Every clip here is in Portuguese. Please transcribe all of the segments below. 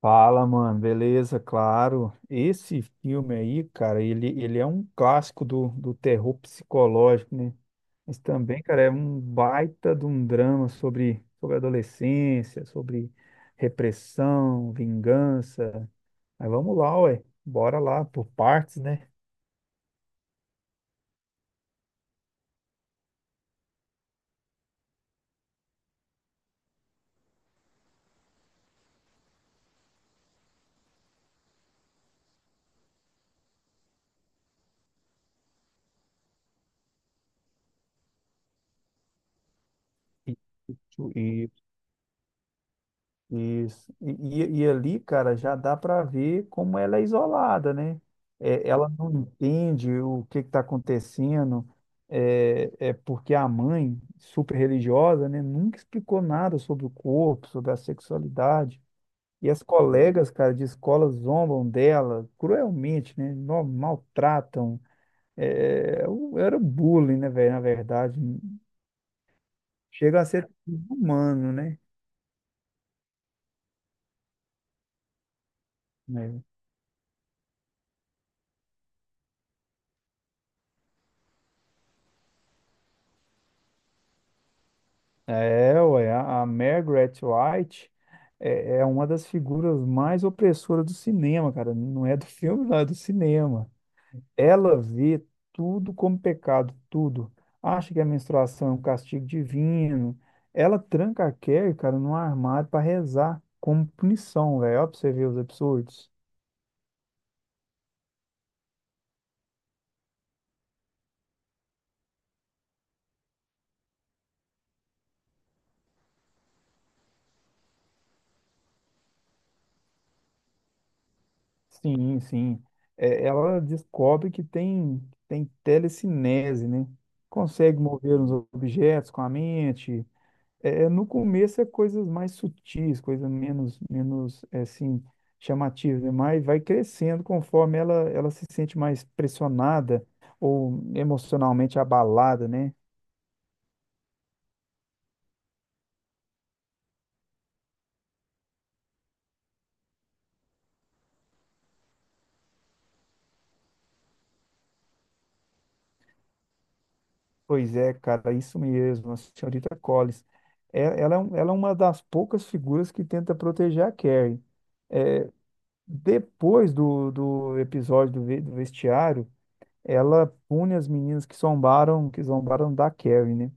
Fala, mano, beleza, claro. Esse filme aí, cara, ele é um clássico do terror psicológico, né? Mas também, cara, é um baita de um drama sobre, sobre adolescência, sobre repressão, vingança. Mas vamos lá, ué, bora lá, por partes, né? E, Isso. E ali, cara, já dá para ver como ela é isolada, né? É, ela não entende o que está acontecendo, é, é porque a mãe, super religiosa, né, nunca explicou nada sobre o corpo, sobre a sexualidade. E as colegas, cara, de escola zombam dela cruelmente, né? Maltratam. É, era bullying, né, velho? Na verdade, chega a ser humano, né? É. É, ué, a Margaret White é uma das figuras mais opressoras do cinema, cara. Não é do filme, não, é do cinema. Ela vê tudo como pecado, tudo. Acha que a menstruação é um castigo divino. Ela tranca a Carrie, cara, num armário para rezar, como punição, velho. Ó, pra você ver os absurdos. Sim, sim. É, ela descobre tem telecinese, né? Consegue mover os objetos com a mente. É, no começo é coisas mais sutis, coisas menos, menos é, assim, chamativas, né? Mas vai crescendo conforme ela se sente mais pressionada ou emocionalmente abalada, né? Pois é, cara, isso mesmo, a senhorita Collins. É, ela, ela é uma das poucas figuras que tenta proteger a Carrie. Depois do episódio do, do vestiário, ela pune as meninas que zombaram da Carrie, né?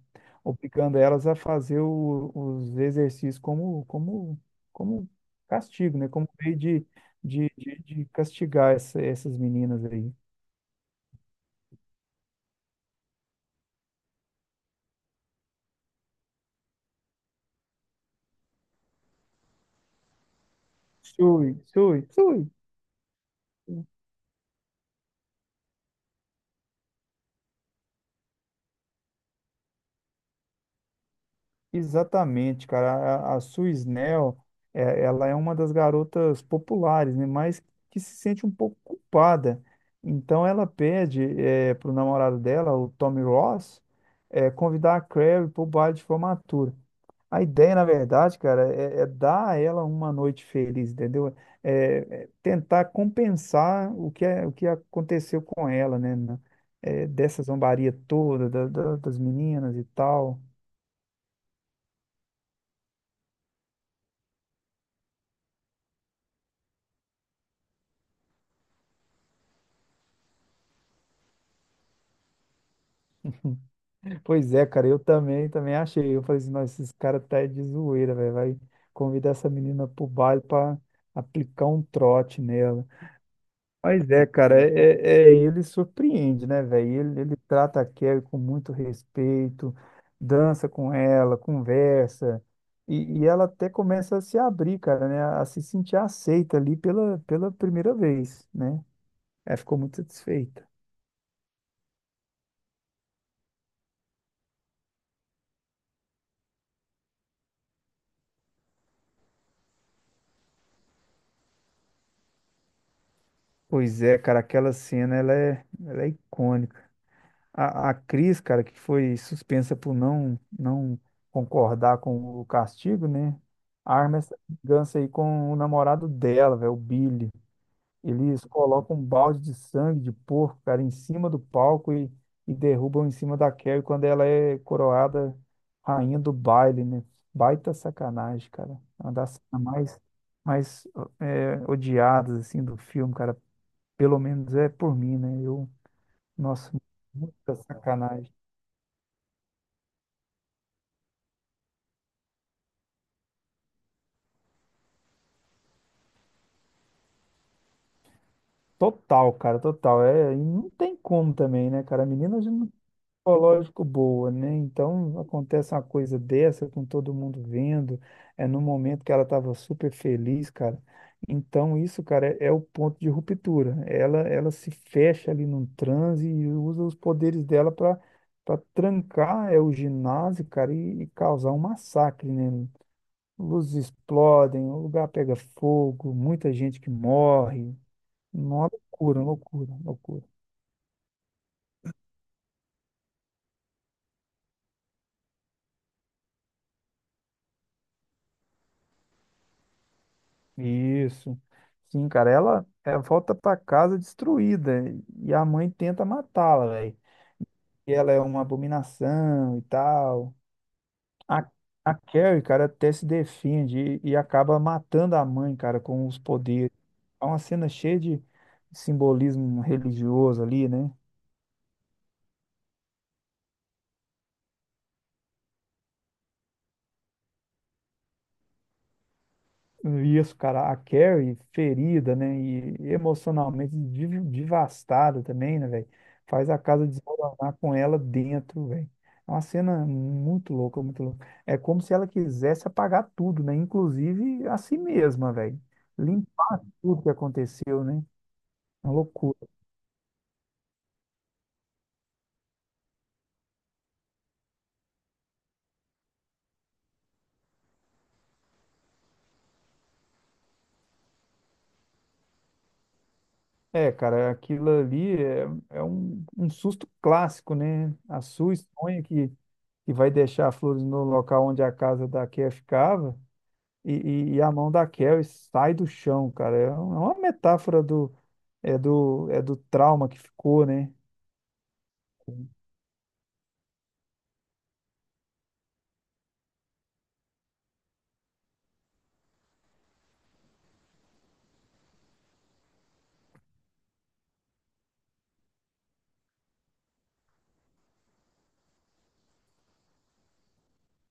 Obrigando elas a fazer os exercícios como castigo, né? Como meio de castigar essas meninas aí. Sui, sui, sui. Exatamente, cara. A Suisnel, é, ela é uma das garotas populares, né? Mas que se sente um pouco culpada. Então ela pede é, pro namorado dela, o Tommy Ross, é, convidar a Carrie pro baile de formatura. A ideia, na verdade, cara, é, é dar a ela uma noite feliz, entendeu? É, é tentar compensar o que, é, o que aconteceu com ela, né? É, dessa zombaria toda, das meninas e tal. Pois é, cara, eu também, também achei. Eu falei assim, nossa, esses caras tá de zoeira, velho. Vai convidar essa menina pro baile pra aplicar um trote nela. Mas é, cara, é, ele surpreende, né, velho? Ele trata a Kelly com muito respeito, dança com ela, conversa. E ela até começa a se abrir, cara, né? A se sentir aceita ali pela, pela primeira vez, né? Ela ficou muito satisfeita. Pois é, cara, aquela cena, ela é icônica. A Cris, cara, que foi suspensa por não concordar com o castigo, né? Arma essa vingança aí com o namorado dela, velho, o Billy. Eles colocam um balde de sangue de porco, cara, em cima do palco e derrubam em cima da Carrie quando ela é coroada rainha do baile, né? Baita sacanagem, cara. Uma das cenas mais, mais é, odiadas, assim, do filme, cara. Pelo menos é por mim, né? Eu, nossa, muita sacanagem. Total, cara, total. É, e não tem como também, né, cara? A menina já não é psicológico boa, né? Então acontece uma coisa dessa com todo mundo vendo, é no momento que ela estava super feliz, cara. Então isso, cara, é, é o ponto de ruptura. Ela se fecha ali num transe e usa os poderes dela para trancar é o ginásio, cara, e causar um massacre, né? Luzes explodem, o lugar pega fogo, muita gente que morre, uma loucura, loucura, loucura. Isso. Sim, cara, ela volta pra casa destruída e a mãe tenta matá-la, velho. E ela é uma abominação e tal. A, a Carrie, cara, até se defende e acaba matando a mãe, cara, com os poderes. É uma cena cheia de simbolismo religioso ali, né? Isso, cara, a Carrie ferida, né? E emocionalmente devastada também, né, velho? Faz a casa desmoronar com ela dentro, velho. É uma cena muito louca, muito louca. É como se ela quisesse apagar tudo, né? Inclusive a si mesma, velho. Limpar tudo que aconteceu, né? Uma loucura. É, cara, aquilo ali é, é um, um susto clássico, né? A sua sonha que vai deixar flores no local onde a casa da Carrie ficava. E, e a mão da Carrie sai do chão, cara. É uma metáfora do, é do, é do trauma que ficou, né?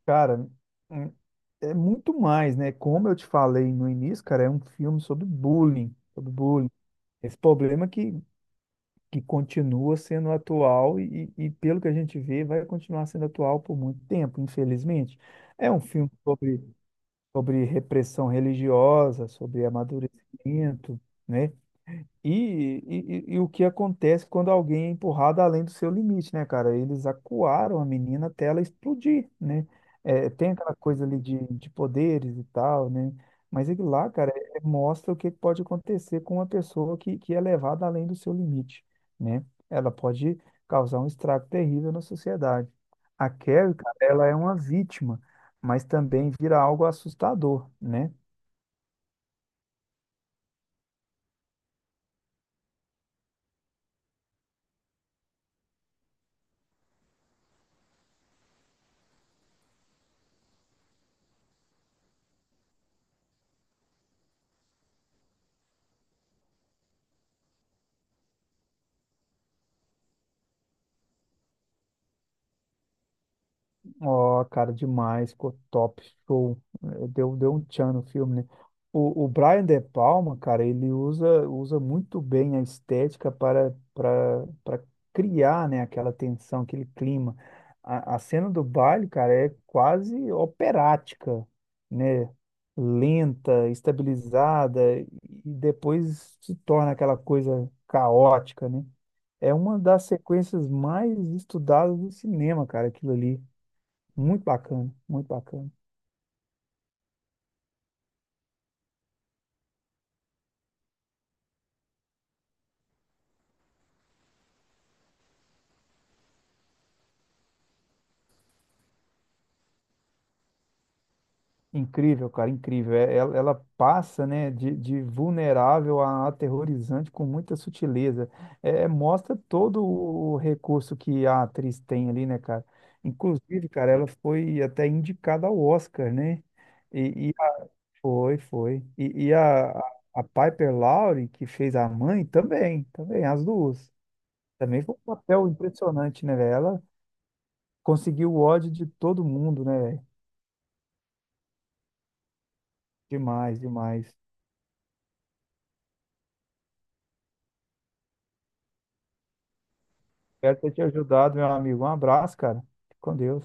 Cara, hum, é muito mais, né? Como eu te falei no início, cara, é um filme sobre bullying, sobre bullying. Esse problema que continua sendo atual e pelo que a gente vê, vai continuar sendo atual por muito tempo, infelizmente. É um filme sobre, sobre repressão religiosa, sobre amadurecimento, né? E, e, e o que acontece quando alguém é empurrado além do seu limite, né, cara? Eles acuaram a menina até ela explodir, né? É, tem aquela coisa ali de poderes e tal, né? Mas aquilo lá, cara, é, mostra o que pode acontecer com uma pessoa que é levada além do seu limite, né? Ela pode causar um estrago terrível na sociedade. A Carrie, cara, ela é uma vítima, mas também vira algo assustador, né? Ó, cara, demais, ficou top, show. Eh, deu um tchan no filme, né? O Brian De Palma, cara, ele usa muito bem a estética para criar, né, aquela tensão, aquele clima. A cena do baile, cara, é quase operática, né? Lenta, estabilizada, e depois se torna aquela coisa caótica, né? É uma das sequências mais estudadas do cinema, cara, aquilo ali. Muito bacana, muito bacana. Incrível, cara, incrível. Ela, ela passa, né, de vulnerável a aterrorizante com muita sutileza. É, é, mostra todo o recurso que a atriz tem ali, né, cara? Inclusive, cara, ela foi até indicada ao Oscar, né? E, foi, foi. E a, a Piper Laurie, que fez a mãe, também, também, as duas. Também foi um papel impressionante, né, velho? Ela conseguiu o ódio de todo mundo, né, velho? Demais, demais. Espero ter te ajudado, meu amigo. Um abraço, cara. Fique com Deus.